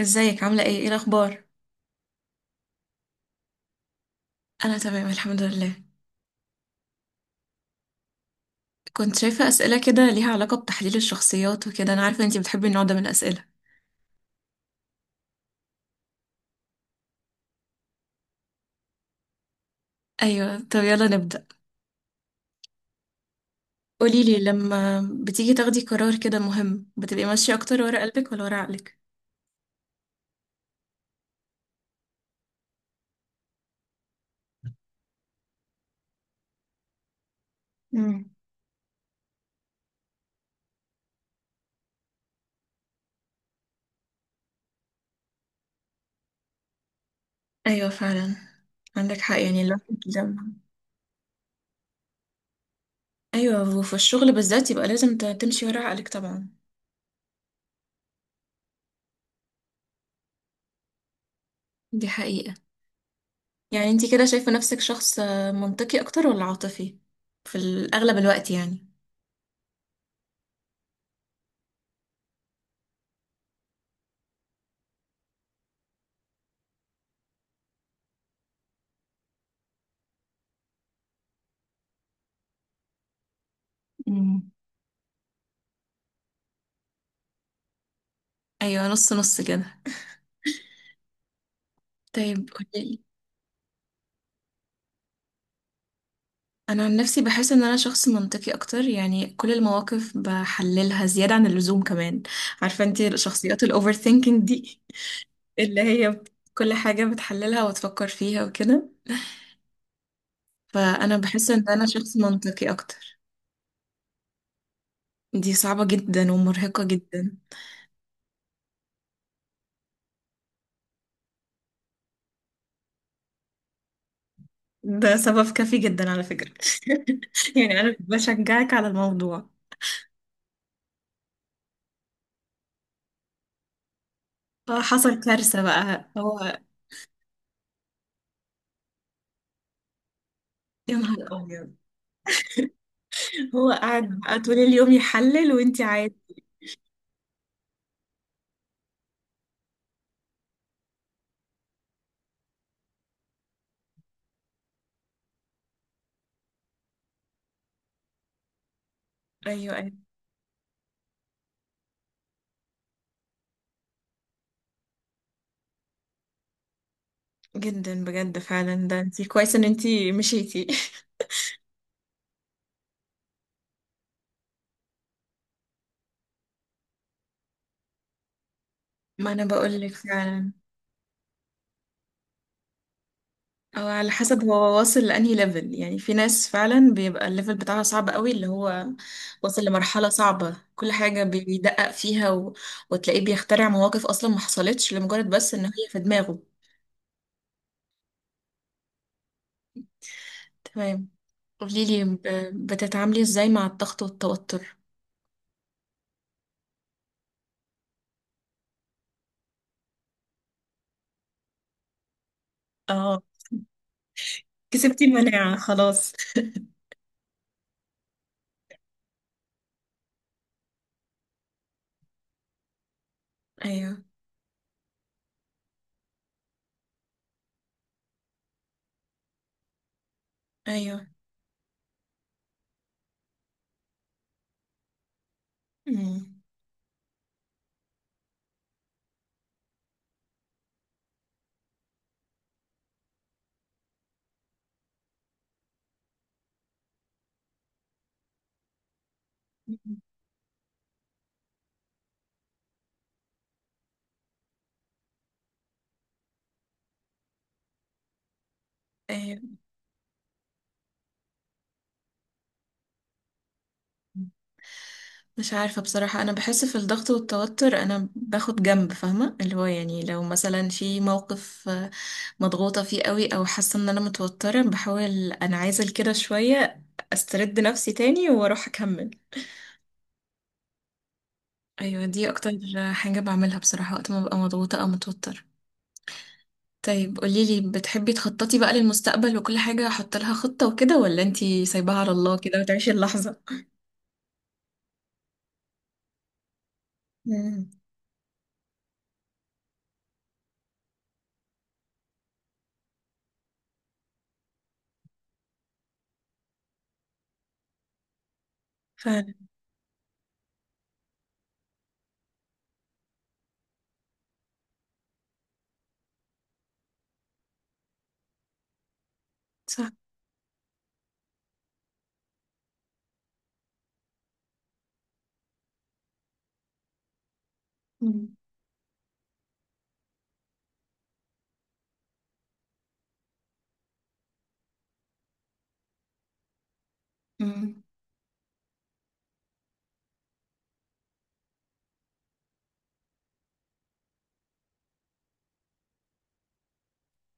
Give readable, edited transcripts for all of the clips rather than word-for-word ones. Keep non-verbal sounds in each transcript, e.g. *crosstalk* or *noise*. ازيك عاملة ايه الأخبار؟ أنا تمام الحمد لله. كنت شايفة أسئلة كده ليها علاقة بتحليل الشخصيات وكده، أنا عارفة انتي بتحبي النوع ده من الأسئلة. أيوة، طب يلا نبدأ. قوليلي، لما بتيجي تاخدي قرار كده مهم، بتبقي ماشية أكتر ورا قلبك ولا ورا عقلك؟ مم. أيوة فعلا. عندك حق، يعني الواحد لما... أيوة، وفي الشغل بالذات يبقى لازم تمشي ورا عقلك طبعا. دي حقيقة. يعني انتي كده شايفة نفسك شخص منطقي أكتر ولا عاطفي؟ في الأغلب الوقت يعني. مم. ايوه، نص نص كده. طيب قوليلي. انا عن نفسي بحس ان انا شخص منطقي اكتر، يعني كل المواقف بحللها زياده عن اللزوم كمان. عارفه انت الشخصيات الاوفر ثينكينج دي، اللي هي كل حاجه بتحللها وتفكر فيها وكده. فانا بحس ان انا شخص منطقي اكتر. دي صعبه جدا ومرهقه جدا. ده سبب كافي جدا على فكره. *laughs* يعني انا بشجعك على الموضوع. آه، حصل كارثه بقى هو. يا نهار ابيض. هو قاعد بقى طول اليوم يحلل وانتي عادي؟ ايوه ايوه. جدا بجد فعلا، ده انتي كويس ان انتي مشيتي. *laughs* ما انا بقولك فعلا. او على حسب هو واصل لانهي ليفل، يعني في ناس فعلا بيبقى الليفل بتاعها صعب قوي، اللي هو واصل لمرحلة صعبة، كل حاجة بيدقق فيها وتلاقيه بيخترع مواقف اصلا ما حصلتش، لمجرد بس ان هي في دماغه. تمام. قوليلي، بتتعاملي ازاي مع الضغط والتوتر؟ اه، كسبتي المناعة خلاص. ايوه ايوه. مم. إيه، مش عارفة بصراحة. أنا بحس في الضغط والتوتر أنا باخد جنب، فاهمة اللي هو، يعني لو مثلا في موقف مضغوطة فيه قوي أو حاسة إن أنا متوترة، بحاول أنعزل كده شوية، أسترد نفسي تاني وأروح أكمل. أيوة دي أكتر حاجة بعملها بصراحة وقت ما ببقى مضغوطة أو متوتر. طيب قوليلي، بتحبي تخططي بقى للمستقبل وكل حاجة أحط لها خطة وكده، ولا أنتي سايباها على الله كده وتعيشي اللحظة؟ مم. فعلا. صح. مم. مم.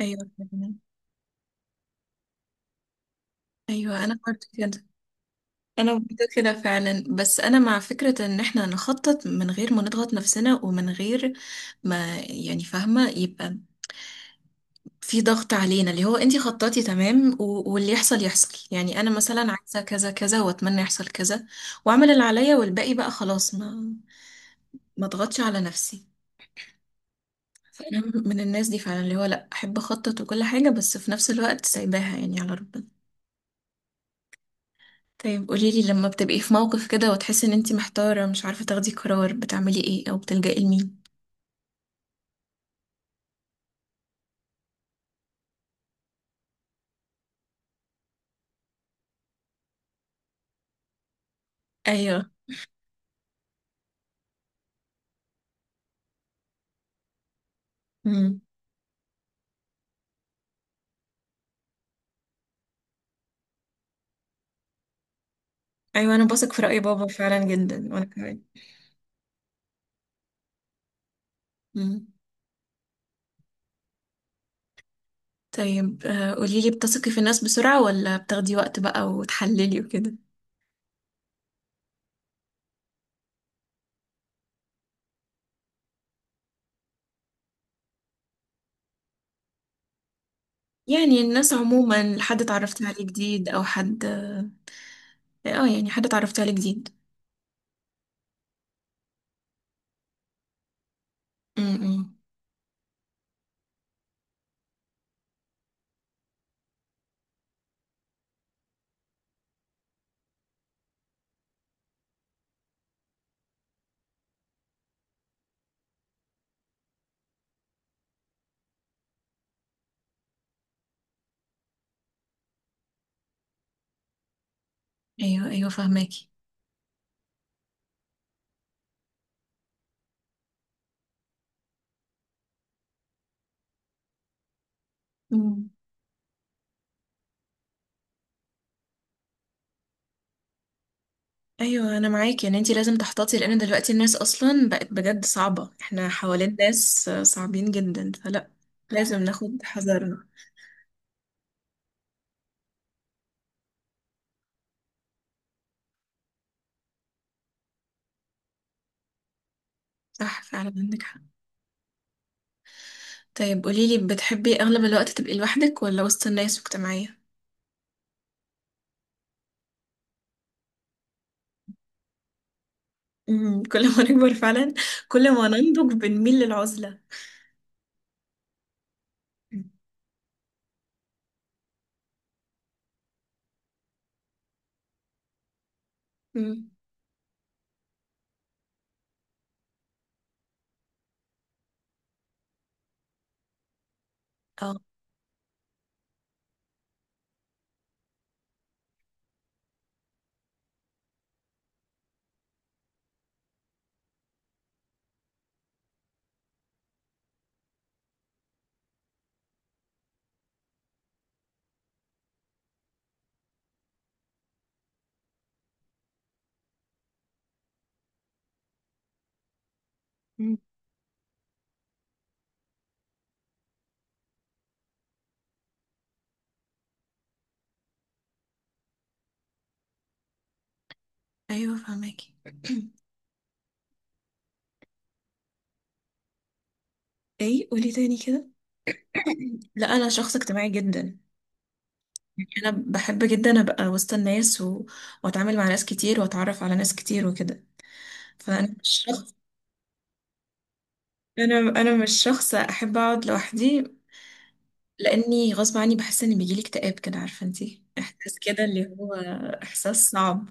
ايوه فعلا. ايوه انا برضه كده. انا برضه كده فعلا، بس انا مع فكره ان احنا نخطط من غير ما نضغط نفسنا ومن غير ما، يعني فاهمه، يبقى في ضغط علينا. اللي هو انتي خططي تمام واللي يحصل يحصل، يعني انا مثلا عايزه كذا كذا واتمنى يحصل كذا، واعمل اللي عليا والباقي بقى خلاص ما اضغطش على نفسي. فانا من الناس دي فعلا، اللي هو لا، احب اخطط وكل حاجه، بس في نفس الوقت سايباها يعني على ربنا. طيب قوليلي، لما بتبقي في موقف كده وتحسي ان انتي محتارة، مش عارفة تاخدي قرار، بتعملي ايه او بتلجئي لمين؟ ايوه. امم. ايوه انا بثق في رأي بابا فعلا جدا، وانا كمان. امم طيب، قوليلي بتثقي في الناس بسرعة ولا بتاخدي وقت بقى وتحللي وكده؟ يعني الناس عموما، حد اتعرفتي عليه جديد او حد اه، يعني حد اتعرفتي عليه جديد. امم. ايوه ايوه فهماكي. ايوه انا معاكي، يعني انتي لازم تحتاطي، لان دلوقتي الناس اصلا بقت بجد صعبة، احنا حوالين ناس صعبين جدا فلا. لازم ناخد حذرنا. صح فعلا، عندك حق. طيب قوليلي، بتحبي اغلب الوقت تبقي لوحدك ولا وسط الناس واجتماعية؟ كل ما نكبر فعلا، كل ما ننضج بنميل للعزلة. امم. اه. مم. ايوه فهماكي. ايه، قولي تاني كده. لا انا شخص اجتماعي جدا، يعني انا بحب جدا ابقى وسط الناس واتعامل مع ناس كتير واتعرف على ناس كتير وكده. فانا مش شخص احب اقعد لوحدي، لاني غصب عني بحس ان بيجيلي اكتئاب كده، عارفه انتي احساس كده اللي هو احساس صعب.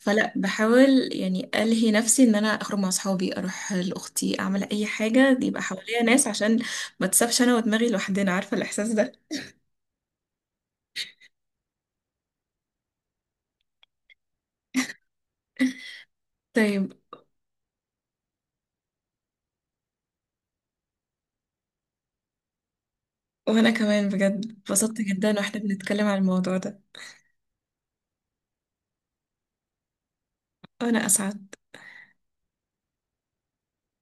فلا بحاول يعني الهي نفسي ان انا اخرج مع اصحابي، اروح لاختي، اعمل اي حاجه يبقى حواليا ناس، عشان ما تسابش انا ودماغي لوحدنا، عارفه الاحساس ده. طيب. وانا كمان بجد اتبسطت جدا واحنا بنتكلم عن الموضوع ده. وانا اسعد.